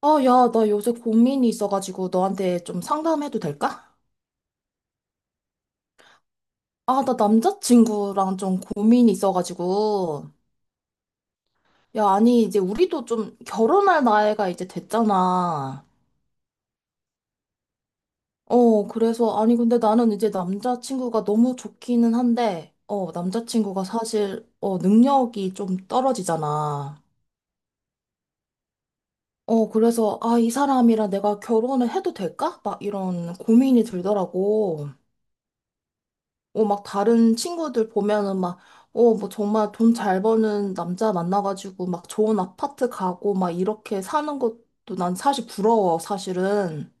아, 야, 나 요새 고민이 있어가지고 너한테 좀 상담해도 될까? 아, 나 남자친구랑 좀 고민이 있어가지고. 야, 아니, 이제 우리도 좀 결혼할 나이가 이제 됐잖아. 그래서, 아니, 근데 나는 이제 남자친구가 너무 좋기는 한데, 남자친구가 사실, 능력이 좀 떨어지잖아. 그래서, 아, 이 사람이랑 내가 결혼을 해도 될까? 막 이런 고민이 들더라고. 막 다른 친구들 보면은 막, 뭐 정말 돈 잘 버는 남자 만나가지고 막 좋은 아파트 가고 막 이렇게 사는 것도 난 사실 부러워, 사실은.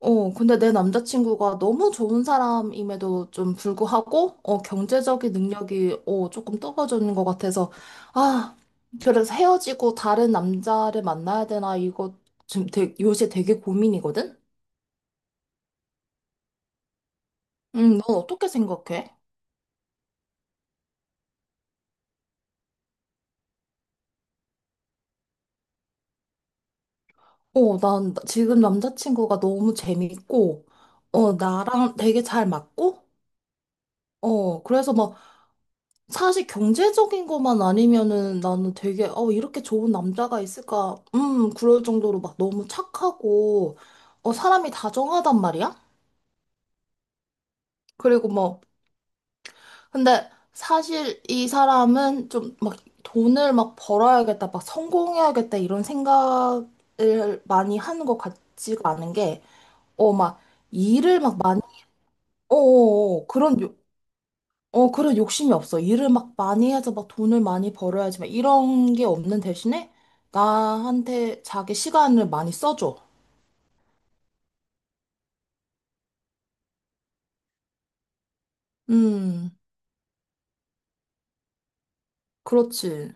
근데 내 남자친구가 너무 좋은 사람임에도 좀 불구하고, 경제적인 능력이, 조금 떨어지는 것 같아서, 아, 그래서 헤어지고 다른 남자를 만나야 되나, 이거 지금 요새 되게 고민이거든? 응, 넌 어떻게 생각해? 지금 남자친구가 너무 재밌고, 나랑 되게 잘 맞고, 그래서 막, 사실 경제적인 것만 아니면은 나는 되게, 이렇게 좋은 남자가 있을까, 그럴 정도로 막 너무 착하고, 사람이 다정하단 말이야? 그리고 뭐, 근데 사실 이 사람은 좀 막 돈을 막 벌어야겠다, 막 성공해야겠다, 이런 생각을 많이 하는 것 같지가 않은 게, 막, 일을 막 많이 어어어, 그런, 욕- 그런 욕심이 없어. 일을 막 많이 해서 막 돈을 많이 벌어야지, 막 이런 게 없는 대신에 나한테 자기 시간을 많이 써줘. 음, 그렇지.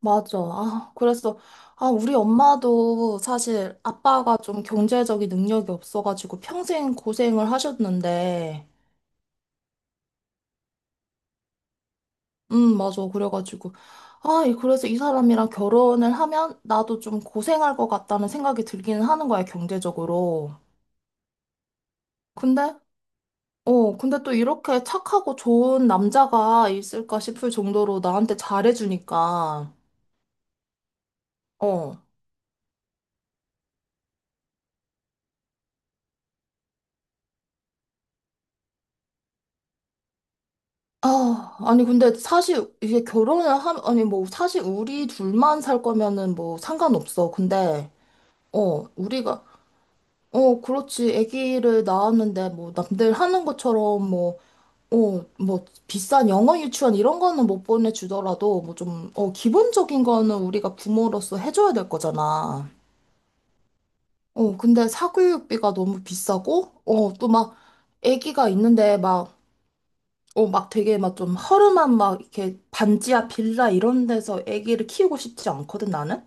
맞아. 아, 그래서, 아, 우리 엄마도 사실 아빠가 좀 경제적인 능력이 없어가지고 평생 고생을 하셨는데, 맞아. 그래가지고, 그래서 이 사람이랑 결혼을 하면 나도 좀 고생할 것 같다는 생각이 들기는 하는 거야, 경제적으로. 근데, 근데 또 이렇게 착하고 좋은 남자가 있을까 싶을 정도로 나한테 잘해주니까, 어. 아, 아니, 근데 사실 이게 결혼을 아니, 뭐, 사실 우리 둘만 살 거면은 뭐 상관없어. 근데, 우리가, 그렇지. 아기를 낳았는데 뭐 남들 하는 것처럼 뭐, 비싼 영어 유치원 이런 거는 못 보내주더라도 뭐 좀, 기본적인 거는 우리가 부모로서 해줘야 될 거잖아. 근데 사교육비가 너무 비싸고, 또 막, 애기가 있는데 막, 막 되게 막 좀 허름한 막 이렇게 반지하 빌라 이런 데서 애기를 키우고 싶지 않거든, 나는?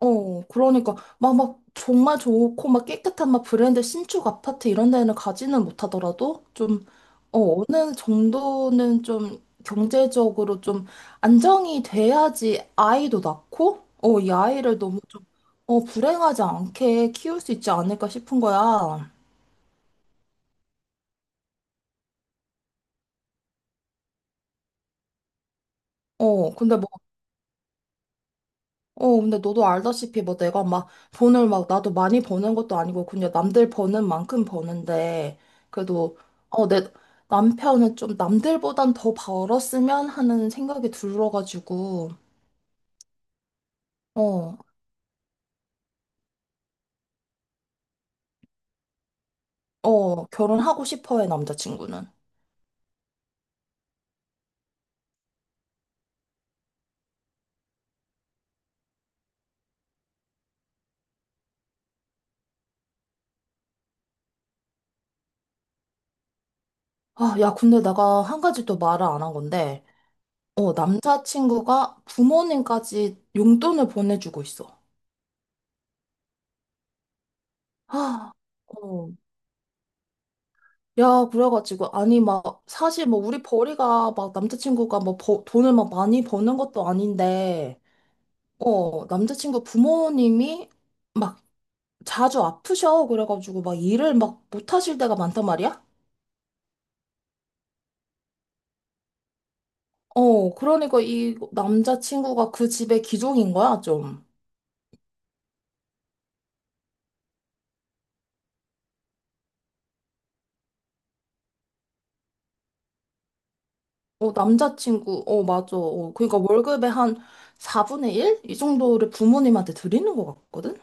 그러니까 막 막 정말 좋고 막 깨끗한 막 브랜드 신축 아파트 이런 데는 가지는 못하더라도 좀 어느 정도는 좀 경제적으로 좀 안정이 돼야지 아이도 낳고 이 아이를 너무 좀 불행하지 않게 키울 수 있지 않을까 싶은 거야. 어, 근데 근데 너도 알다시피 뭐 내가 막 돈을 막 나도 많이 버는 것도 아니고 그냥 남들 버는 만큼 버는데 그래도 내 남편은 좀 남들보단 더 벌었으면 하는 생각이 들어가지고 어, 결혼하고 싶어 해 남자친구는. 아, 야, 근데 내가 한 가지 또 말을 안 한 건데 남자친구가 부모님까지 용돈을 보내주고 있어. 아, 어. 야, 그래가지고, 아니, 막, 사실 뭐, 우리 벌이가 막, 남자친구가 뭐, 돈을 막 많이 버는 것도 아닌데, 남자친구 부모님이 막, 자주 아프셔. 그래가지고, 막, 일을 막, 못하실 때가 많단 말이야? 그러니까 이 남자친구가 그 집의 기종인 거야, 좀. 맞아. 그러니까 월급의 한 4분의 1? 이 정도를 부모님한테 드리는 것 같거든?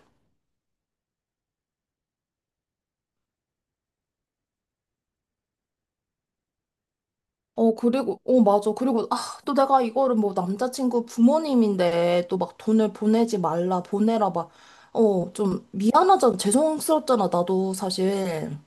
그리고, 맞아. 그리고, 아, 또 내가 이거를 뭐 남자친구 부모님인데 또 막 돈을 보내지 말라, 보내라, 막, 좀 미안하잖아. 죄송스럽잖아, 나도 사실.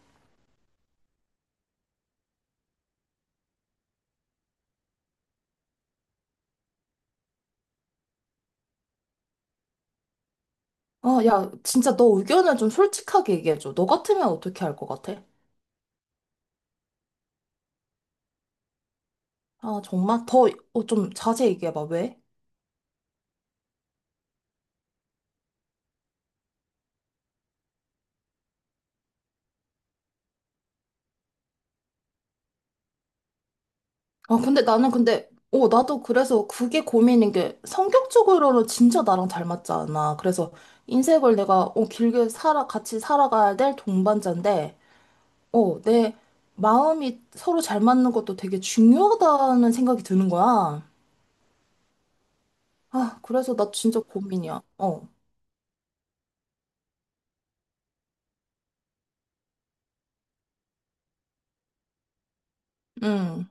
아, 야, 진짜 너 의견을 좀 솔직하게 얘기해줘. 너 같으면 어떻게 할 것 같아? 아, 정말? 좀 자세히 얘기해봐, 왜? 아, 근데 나는 근데, 나도 그래서 그게 고민인 게 성격적으로는 진짜 나랑 잘 맞지 않아. 그래서 인생을 내가, 같이 살아가야 될 동반자인데, 내 마음이 서로 잘 맞는 것도 되게 중요하다는 생각이 드는 거야. 아, 그래서 나 진짜 고민이야. 응,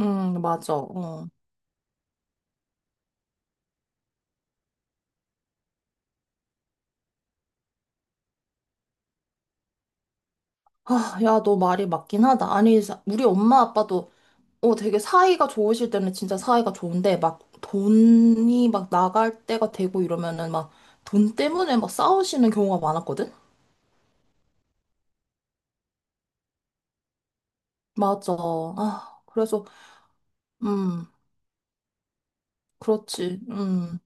응, 맞아. 어. 아, 야, 너 말이 맞긴 하다. 아니, 우리 엄마 아빠도 되게 사이가 좋으실 때는 진짜 사이가 좋은데 막 돈이 막 나갈 때가 되고 이러면은 막 돈 때문에 막 싸우시는 경우가 많았거든? 맞아. 아, 그래서, 음, 그렇지. 음.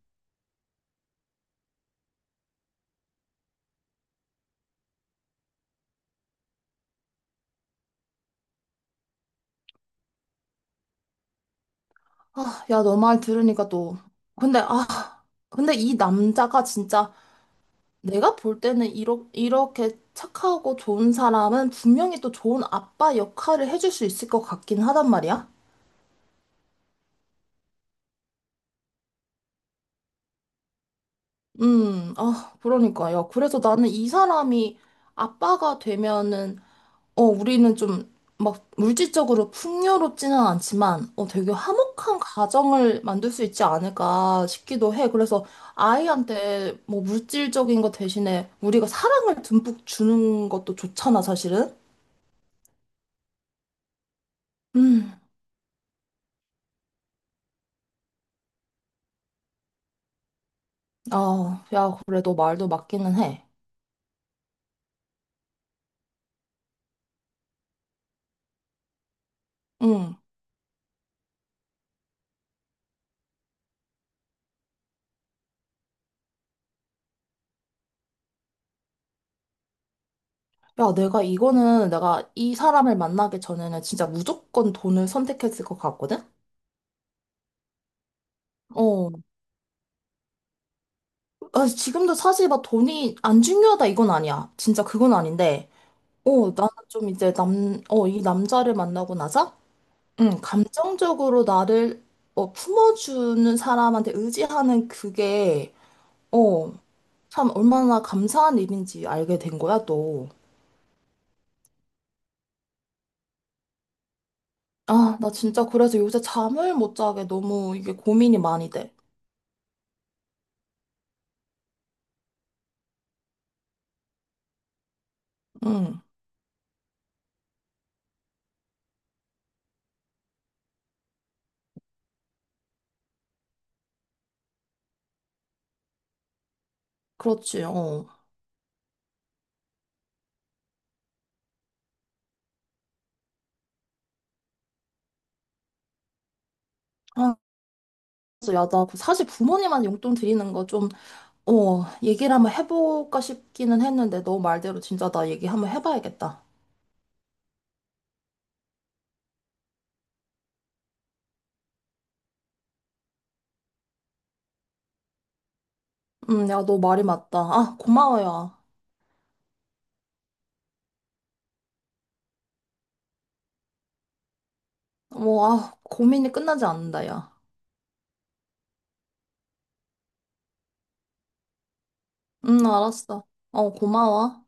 아, 야, 너 말 들으니까 또. 근데, 아, 근데 이 남자가 진짜 내가 볼 때는 이렇게 착하고 좋은 사람은 분명히 또 좋은 아빠 역할을 해줄 수 있을 것 같긴 하단 말이야. 아, 그러니까. 야, 그래서 나는 이 사람이 아빠가 되면은 우리는 좀 막 물질적으로 풍요롭지는 않지만, 되게 화목한 가정을 만들 수 있지 않을까 싶기도 해. 그래서 아이한테 뭐 물질적인 것 대신에 우리가 사랑을 듬뿍 주는 것도 좋잖아, 사실은. 음, 아, 야, 그래, 너 말도 맞기는 해. 음, 야, 내가 이거는 내가 이 사람을 만나기 전에는 진짜 무조건 돈을 선택했을 것 같거든? 어, 아, 지금도 사실 막 돈이 안 중요하다 이건 아니야. 진짜 그건 아닌데. 나는 좀 이제 이 남자를 만나고 나서, 응, 감정적으로 나를, 품어주는 사람한테 의지하는 그게, 어, 참 얼마나 감사한 일인지 알게 된 거야, 또. 아, 나 진짜 그래서 요새 잠을 못 자게 너무 이게 고민이 많이 돼. 응, 그렇지, 어. 아, 그래서 야, 나그 사실 부모님한테 용돈 드리는 거 좀, 얘기를 한번 해볼까 싶기는 했는데, 너 말대로 진짜 나 얘기 한번 해봐야겠다. 야, 너 말이 맞다. 아, 고마워, 야. 뭐, 아, 고민이 끝나지 않는다, 야. 알았어. 고마워.